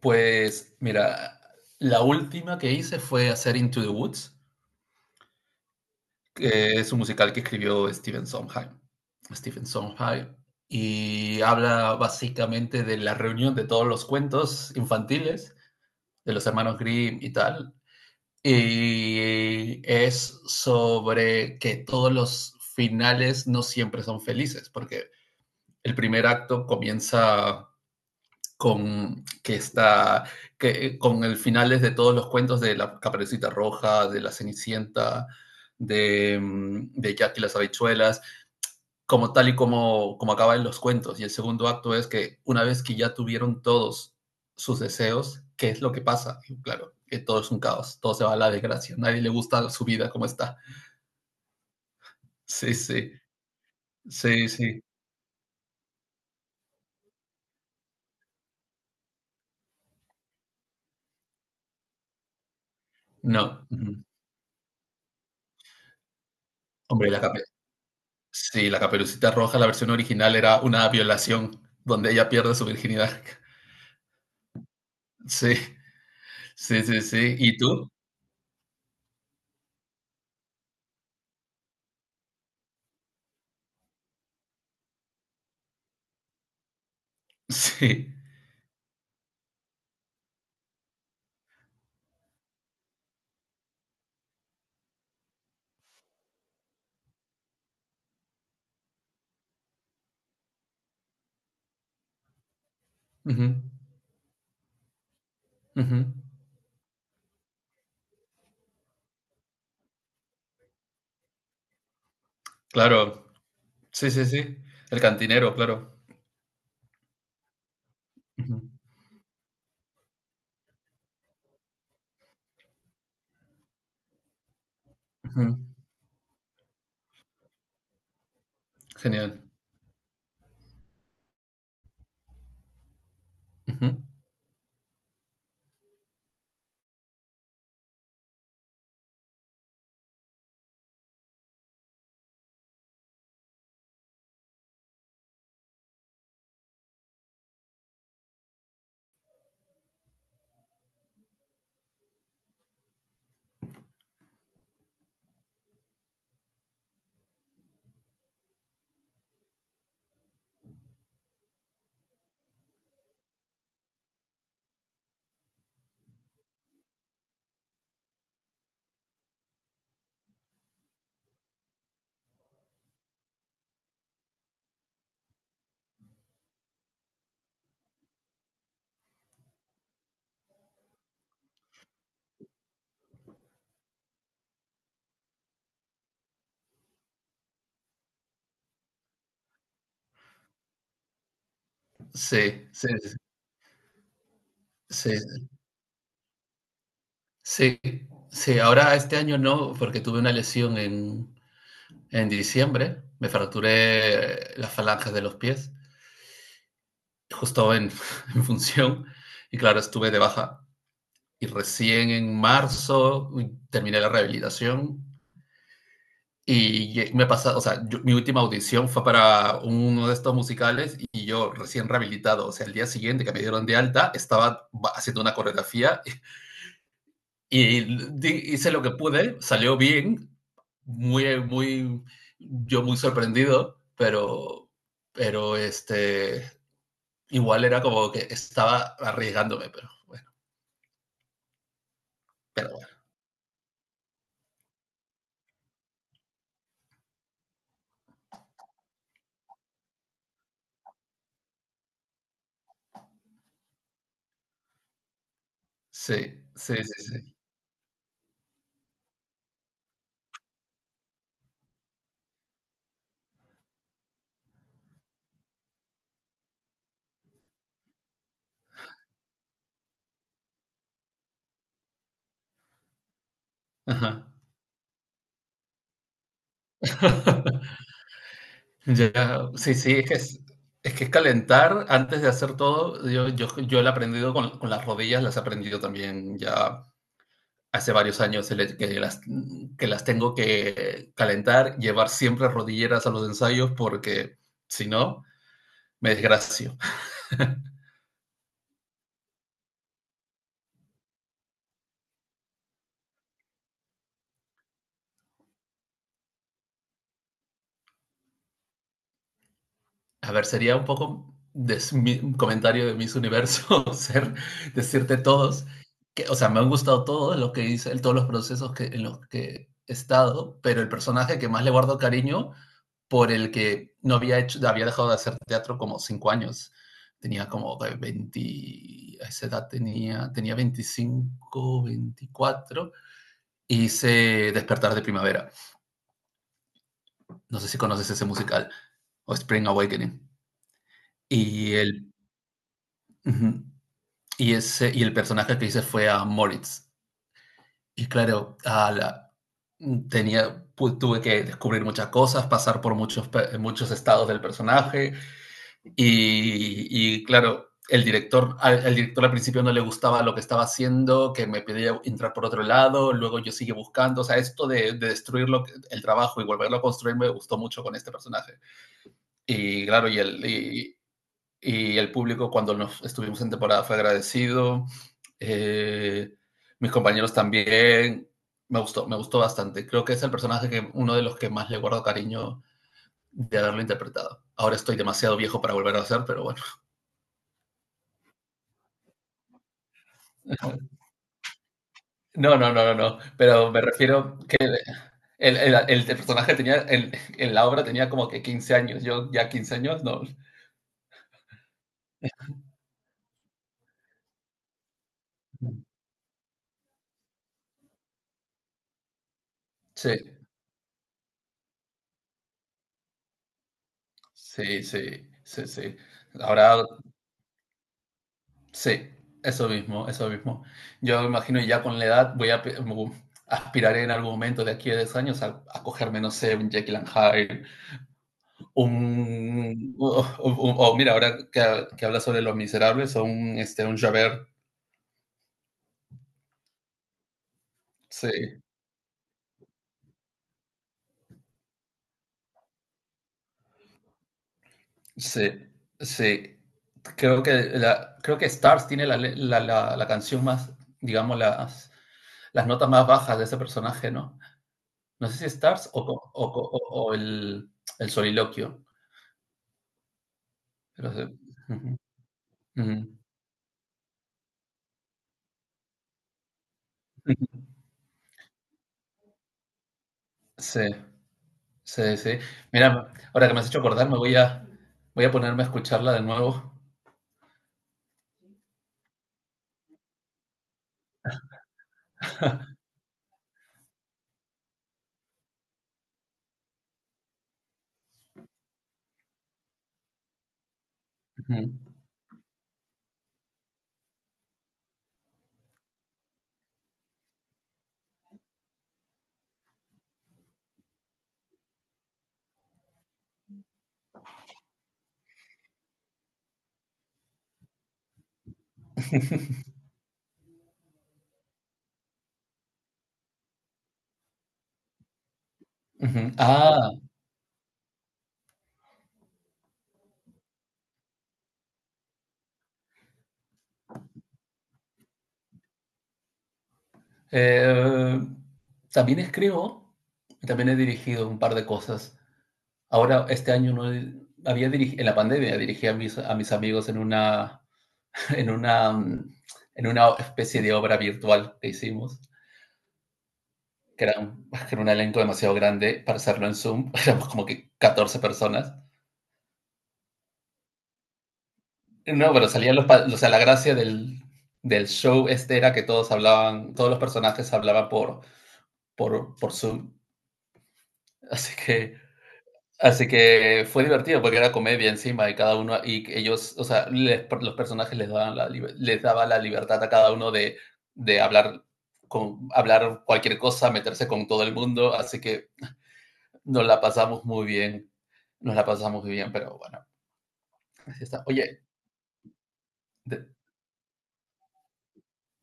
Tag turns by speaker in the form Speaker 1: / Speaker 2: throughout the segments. Speaker 1: Pues mira, la última que hice fue hacer Into the Woods, que es un musical que escribió Stephen Sondheim. Stephen Sondheim. Y habla básicamente de la reunión de todos los cuentos infantiles de los hermanos Grimm y tal. Y es sobre que todos los finales no siempre son felices, porque el primer acto comienza con que está que, con el finales de todos los cuentos de la Caperucita Roja, de la Cenicienta, de Jack y las habichuelas, como tal y como acaban los cuentos. Y el segundo acto es que una vez que ya tuvieron todos sus deseos, ¿qué es lo que pasa? Y claro, que todo es un caos, todo se va a la desgracia, nadie le gusta su vida como está. Sí, sí, sí, sí. No, hombre, sí, la Caperucita Roja, la versión original era una violación donde ella pierde su virginidad. Sí, sí, sí, sí. ¿Y tú? Sí. Ujú, ujú. Claro, sí, sí, sí. El cantinero, claro. Ujú, ujú. Genial. Ujú. Sí, sí, sí, sí, sí. Sí, ahora este año no, porque tuve una lesión en, diciembre. Me fracturé las falanges de los pies, justo en, en función. Y claro, estuve de baja y recién en marzo terminé la rehabilitación y me pasa, o sea, mi última audición fue para uno de estos musicales y yo recién rehabilitado, o sea, el día siguiente que me dieron de alta, estaba haciendo una coreografía y hice lo que pude, salió bien, muy, muy, yo muy sorprendido, pero, pero este, igual era como que estaba arriesgándome, pero bueno, sí, sí, sí, sí. Ajá. Ya, sí, sí, es que es calentar antes de hacer todo. Yo lo he aprendido con las rodillas, las he aprendido también ya hace varios años el hecho que que las tengo que calentar, llevar siempre rodilleras a los ensayos porque si no, me desgracio. A ver, sería un poco de, un comentario de Miss Universo ser, decirte todos, o sea, me han gustado todos los que hice, todos los procesos en los que he estado, pero el personaje que más le guardo cariño por el que no había hecho, había dejado de hacer teatro como 5 años. Tenía como 20, a esa edad tenía 25 24. Hice Despertar de Primavera. No sé si conoces ese musical o Spring Awakening. Y el, y el personaje que hice fue a Moritz. Y claro, tenía, tuve que descubrir muchas cosas, pasar por muchos, muchos estados del personaje. Y claro, el director, al principio no le gustaba lo que estaba haciendo, que me pedía entrar por otro lado, luego yo sigue buscando, o sea, esto de destruir el trabajo y volverlo a construir me gustó mucho con este personaje. Y claro, y el público cuando nos estuvimos en temporada fue agradecido, eh, mis compañeros también, me gustó bastante. Creo que es el personaje que uno de los que más le guardo cariño de haberlo interpretado. Ahora estoy demasiado viejo para volver a hacer, pero bueno. No, no, no, no, no. Pero me refiero que el personaje en la obra tenía como que 15 años. Yo ya 15 años, no. Sí, sí, sí, sí, sí. Ahora, sí, eso mismo, eso mismo. Yo me imagino ya con la edad voy a pe- mu- aspiraré en algún momento de aquí a 10 años a cogerme, no sé, un Jekyll and Hyde, O mira, ahora que habla sobre Los Miserables, o un Javert, sí. Sí, sí. Creo que Stars tiene la, le- la- la- la canción más, digamos, las notas más bajas de ese personaje, ¿no? No sé si Stars o el soliloquio. Pero sí. Ujú, ujú, ujú. Sí, sí, sí. Mira, ahora que me has hecho acordar, voy a ponerme a escucharla de nuevo. Ujú, ujú. Ah, eh, también escribo, también he dirigido un par de cosas. Ahora, este año no he- había dirigi- en la pandemia dirigí a mis amigos en una, en una, mm, en una especie de obra virtual que hicimos, que era un, era un elenco demasiado grande para hacerlo en Zoom, éramos como que 14 personas. No, pero salían o sea, la gracia del show este era que todos hablaban, todos los personajes hablaban por Zoom. Así que Así que fue divertido porque era comedia encima y cada uno, y ellos, o sea, los personajes les daba la libertad a cada uno de hablar, hablar cualquier cosa, meterse con todo el mundo, así que nos la pasamos muy bien, nos la pasamos muy bien, pero bueno, así está. Oye, de-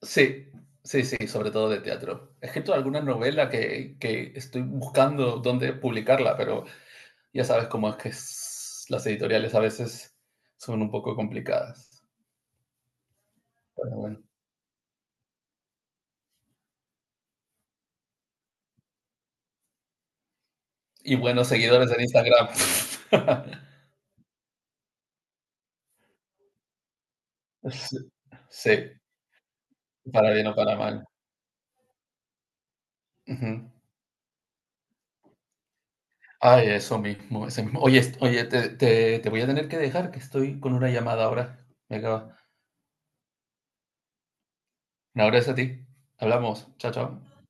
Speaker 1: sí, sí, sí, sobre todo de teatro. He escrito alguna novela que estoy buscando dónde publicarla, pero ya sabes cómo es que las editoriales a veces son un poco complicadas. Pero bueno. Y buenos seguidores en Instagram. Sí, sí, para bien o para mal. Ujú. Ay, eso mismo, eso mismo. Oye, te voy a tener que dejar, que estoy con una llamada ahora. Me acaba. Un abrazo a ti. Hablamos. Chao, chao.